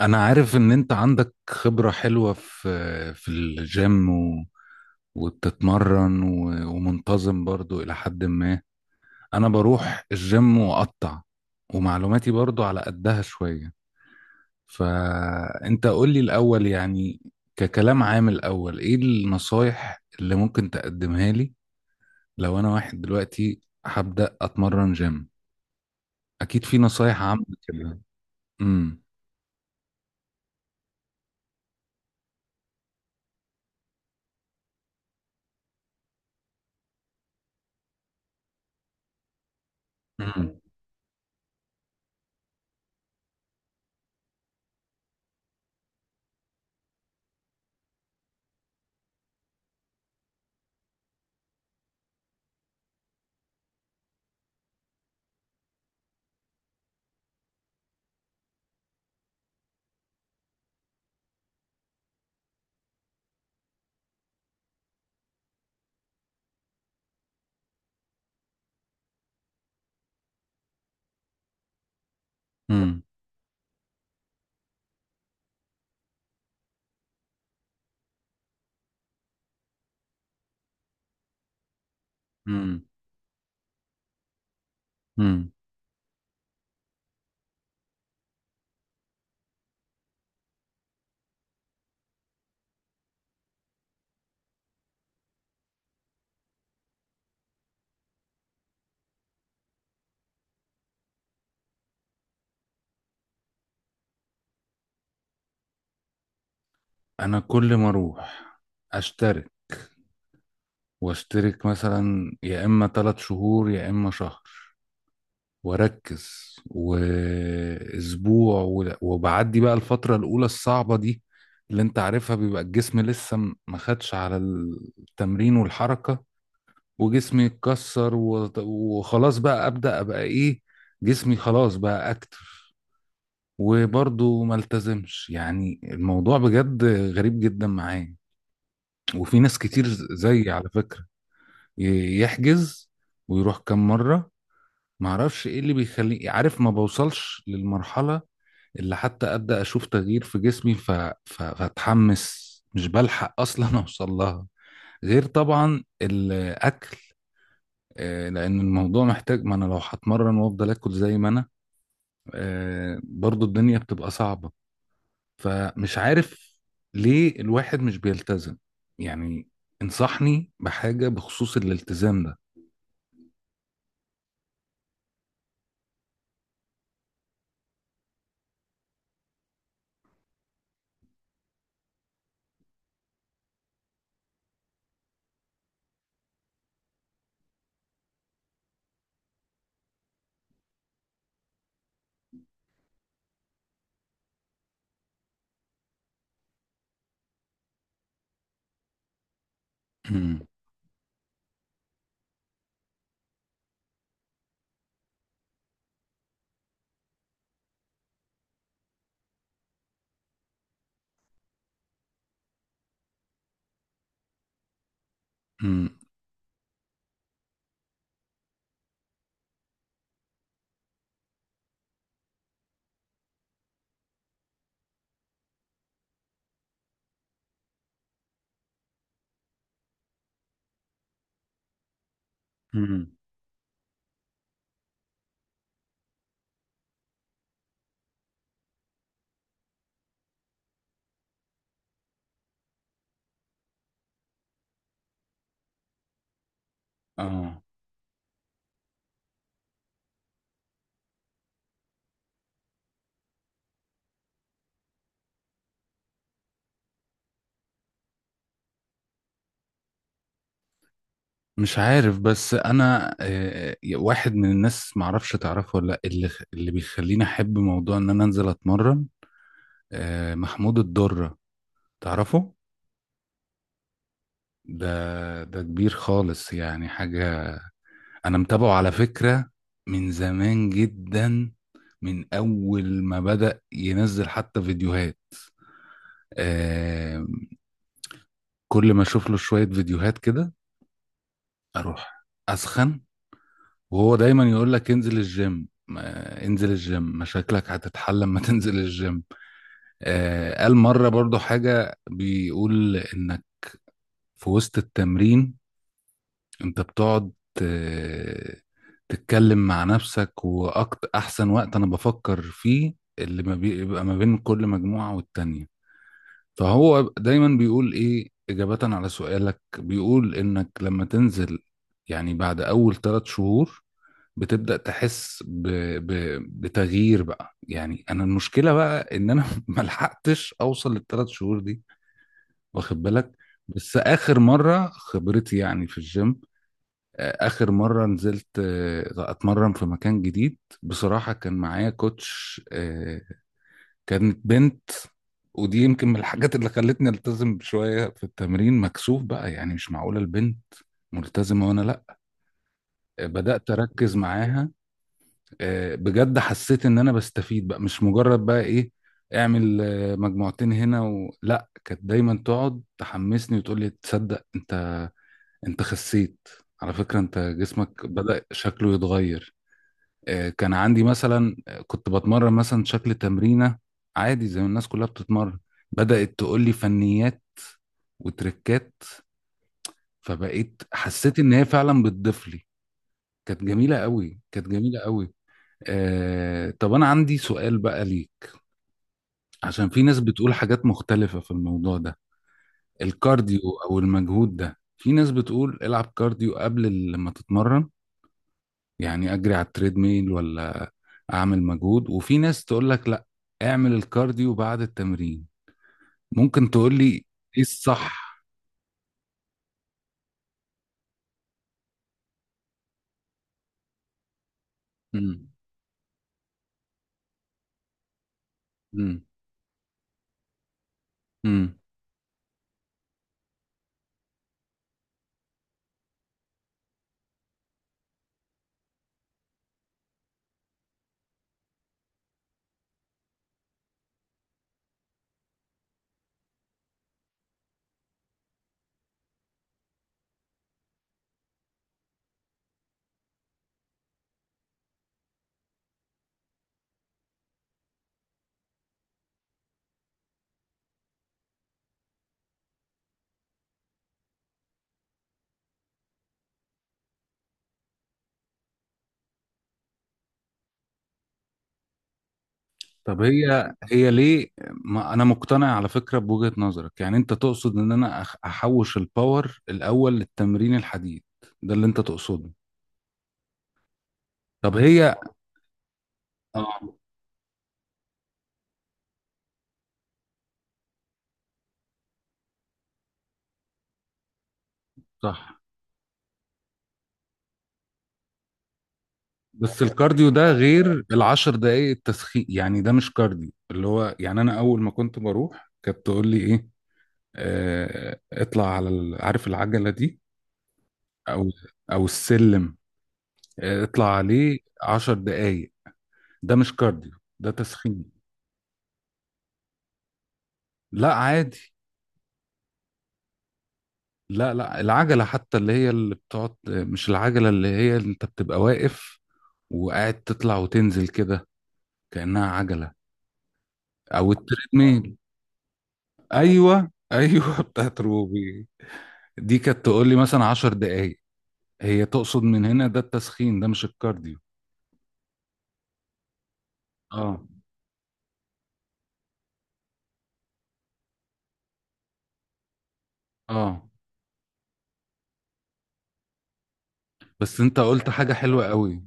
انا عارف ان انت عندك خبرة حلوة في الجيم وبتتمرن ومنتظم برضو الى حد ما. انا بروح الجيم واقطع، ومعلوماتي برضو على قدها شوية. فانت قول لي الاول، يعني ككلام عام الاول، ايه النصايح اللي ممكن تقدمها لي لو انا واحد دلوقتي هبدأ اتمرن جيم؟ اكيد في نصايح عامة كده. امم. امم. امم. امم. انا كل ما اروح اشترك، واشترك مثلا يا اما ثلاث شهور يا اما شهر، واركز واسبوع وبعدي بقى الفترة الاولى الصعبة دي اللي انت عارفها، بيبقى الجسم لسه ما خدش على التمرين والحركة، وجسمي يتكسر وخلاص بقى ابدا ابقى ايه، جسمي خلاص بقى اكتف، وبرضه ما التزمش. يعني الموضوع بجد غريب جدا معايا، وفي ناس كتير زي، على فكرة، يحجز ويروح كام مرة. معرفش ايه اللي بيخليني، عارف، ما بوصلش للمرحلة اللي حتى أبدأ أشوف تغيير في جسمي، فأتحمس، مش بلحق أصلا أوصل لها. غير طبعا الأكل، لأن الموضوع محتاج، ما أنا لو هتمرن وأفضل آكل زي ما أنا برضو الدنيا بتبقى صعبة. فمش عارف ليه الواحد مش بيلتزم يعني. انصحني بحاجة بخصوص الالتزام ده. اه، مش عارف. بس انا واحد من الناس، معرفش تعرفه ولا لا، اللي بيخليني احب موضوع ان انا انزل اتمرن محمود الدرة، تعرفه؟ ده كبير خالص، يعني حاجة. انا متابعه على فكرة من زمان جدا، من اول ما بدأ ينزل حتى فيديوهات. آه، كل ما اشوف له شوية فيديوهات كده اروح اسخن. وهو دايما يقول لك انزل الجيم، انزل الجيم مشاكلك هتتحل لما تنزل الجيم. قال مرة برضو حاجة، بيقول انك في وسط التمرين انت بتقعد آه، تتكلم مع نفسك، واكتر احسن وقت انا بفكر فيه اللي ما بيبقى ما بين كل مجموعة والتانية. فهو دايما بيقول ايه اجابة على سؤالك، بيقول انك لما تنزل، يعني بعد اول ثلاث شهور، بتبدأ تحس ب... بتغيير بقى. يعني انا المشكلة بقى ان انا ملحقتش اوصل للثلاث شهور دي، واخد بالك. بس اخر مرة خبرتي يعني في الجيم، اخر مرة نزلت اتمرن في مكان جديد، بصراحة كان معايا كوتش كانت بنت. ودي يمكن من الحاجات اللي خلتني التزم شوية في التمرين، مكسوف بقى، يعني مش معقولة البنت ملتزمة وانا لا. بدأت اركز معاها بجد، حسيت ان انا بستفيد بقى، مش مجرد بقى ايه، اعمل مجموعتين هنا لا، كانت دايما تقعد تحمسني وتقول لي: تصدق انت، انت خسيت على فكرة، انت جسمك بدأ شكله يتغير. كان عندي مثلا كنت بتمرن مثلا شكل تمرينة عادي زي ما الناس كلها بتتمرن، بدأت تقول لي فنيات وتركات، فبقيت حسيت ان هي فعلا بتضيف لي. كانت جميلة قوي، كانت جميلة قوي. طب انا عندي سؤال بقى ليك، عشان في ناس بتقول حاجات مختلفة في الموضوع ده. الكارديو أو المجهود ده، في ناس بتقول العب كارديو قبل لما تتمرن، يعني أجري على التريد ميل، ولا أعمل مجهود؟ وفي ناس تقول لك لا، اعمل الكارديو بعد التمرين. ممكن تقول لي إيه الصح؟ مم. مم. مم. طب هي ليه؟ ما أنا مقتنع على فكرة بوجهة نظرك، يعني أنت تقصد إن أنا أحوش الباور الأول للتمرين الحديد، ده اللي أنت تقصده. طب هي، اه، صح. بس الكارديو ده غير العشر دقايق التسخين، يعني ده مش كارديو اللي هو، يعني انا اول ما كنت بروح كانت تقول لي ايه، آه اطلع على عارف العجله دي، او او السلم، آه اطلع عليه عشر دقايق. ده مش كارديو، ده تسخين. لا، عادي. لا، لا، العجله حتى اللي هي اللي بتقعد، مش العجله اللي هي اللي انت بتبقى واقف وقاعد تطلع وتنزل كده كانها عجله، او التريدميل. ايوه، ايوه، بتاعت روبي دي. كانت تقول لي مثلا عشر دقايق، هي تقصد من هنا، ده التسخين، ده مش الكارديو. اه. اه، بس انت قلت حاجة حلوة قوي.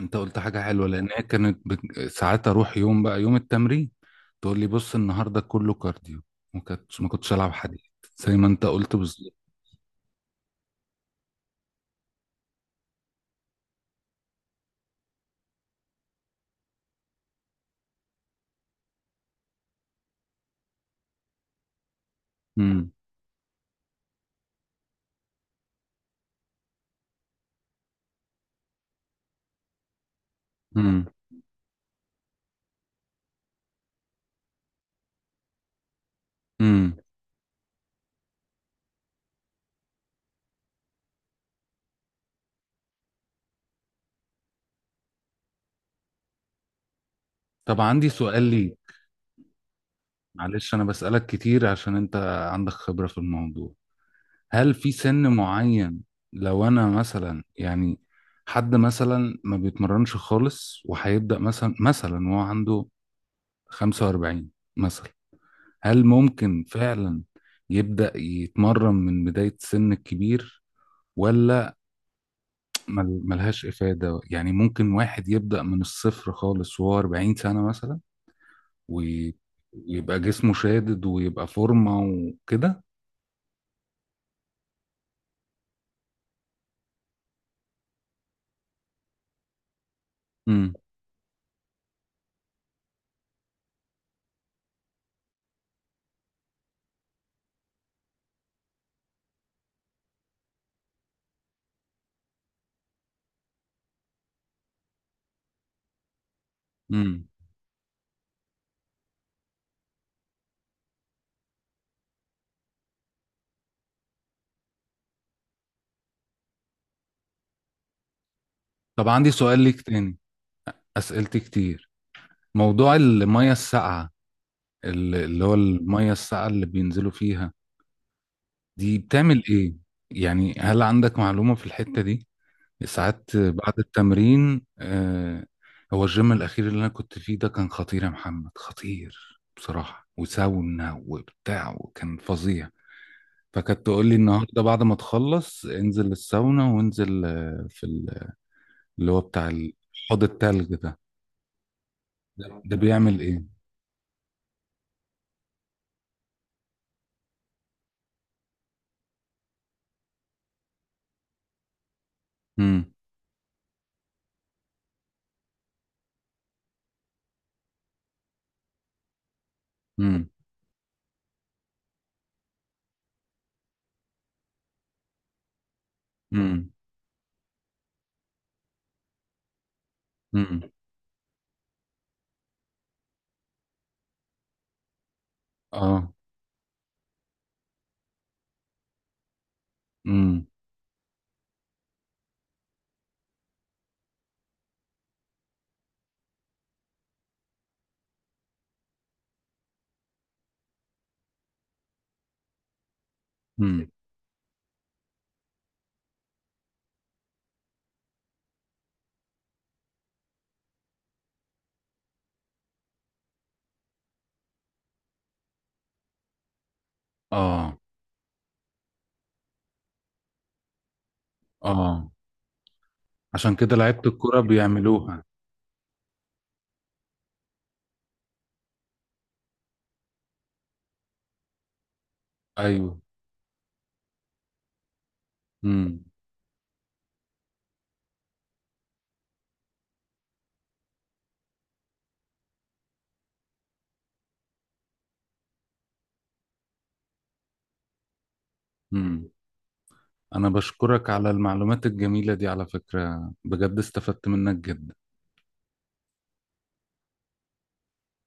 انت قلت حاجة حلوة لان هي كانت ساعات اروح يوم بقى يوم التمرين تقول لي بص النهاردة كله كارديو، ما كنتش العب حديد، زي ما انت قلت بالظبط. امم. امم. امم. طب عندي سؤال لي. معلش انا بسألك كتير عشان انت عندك خبرة في الموضوع. هل في سن معين، لو انا مثلا يعني حد مثلا ما بيتمرنش خالص وهيبدأ مثلا وهو عنده 45 مثلا، هل ممكن فعلا يبدأ يتمرن من بداية السن الكبير، ولا ملهاش إفادة؟ يعني ممكن واحد يبدأ من الصفر خالص وهو 40 سنة مثلا، وي- ويبقى جسمه شادد ويبقى فورمة وكده؟ امم. امم. طب عندي سؤال ليك تاني، أسئلتي كتير. موضوع المية الساقعة، اللي هو المية الساقعة اللي بينزلوا فيها، دي بتعمل ايه؟ يعني هل عندك معلومة في الحتة دي؟ ساعات بعد التمرين، آه. هو الجيم الأخير اللي أنا كنت فيه ده كان خطير يا محمد، خطير بصراحة، وساونا وبتاع، وكان فظيع. فكانت تقول لي: النهاردة بعد ما تخلص انزل الساونا وانزل في اللي هو بتاع حوض التلج ده. ده بيعمل ايه؟ امم. امم. امم. امم. اه. امم. امم. اه. اه، عشان كده لعيبة الكرة بيعملوها. ايوه. امم. امم. انا بشكرك على المعلومات الجميلة دي على فكرة، بجد استفدت منك جدا.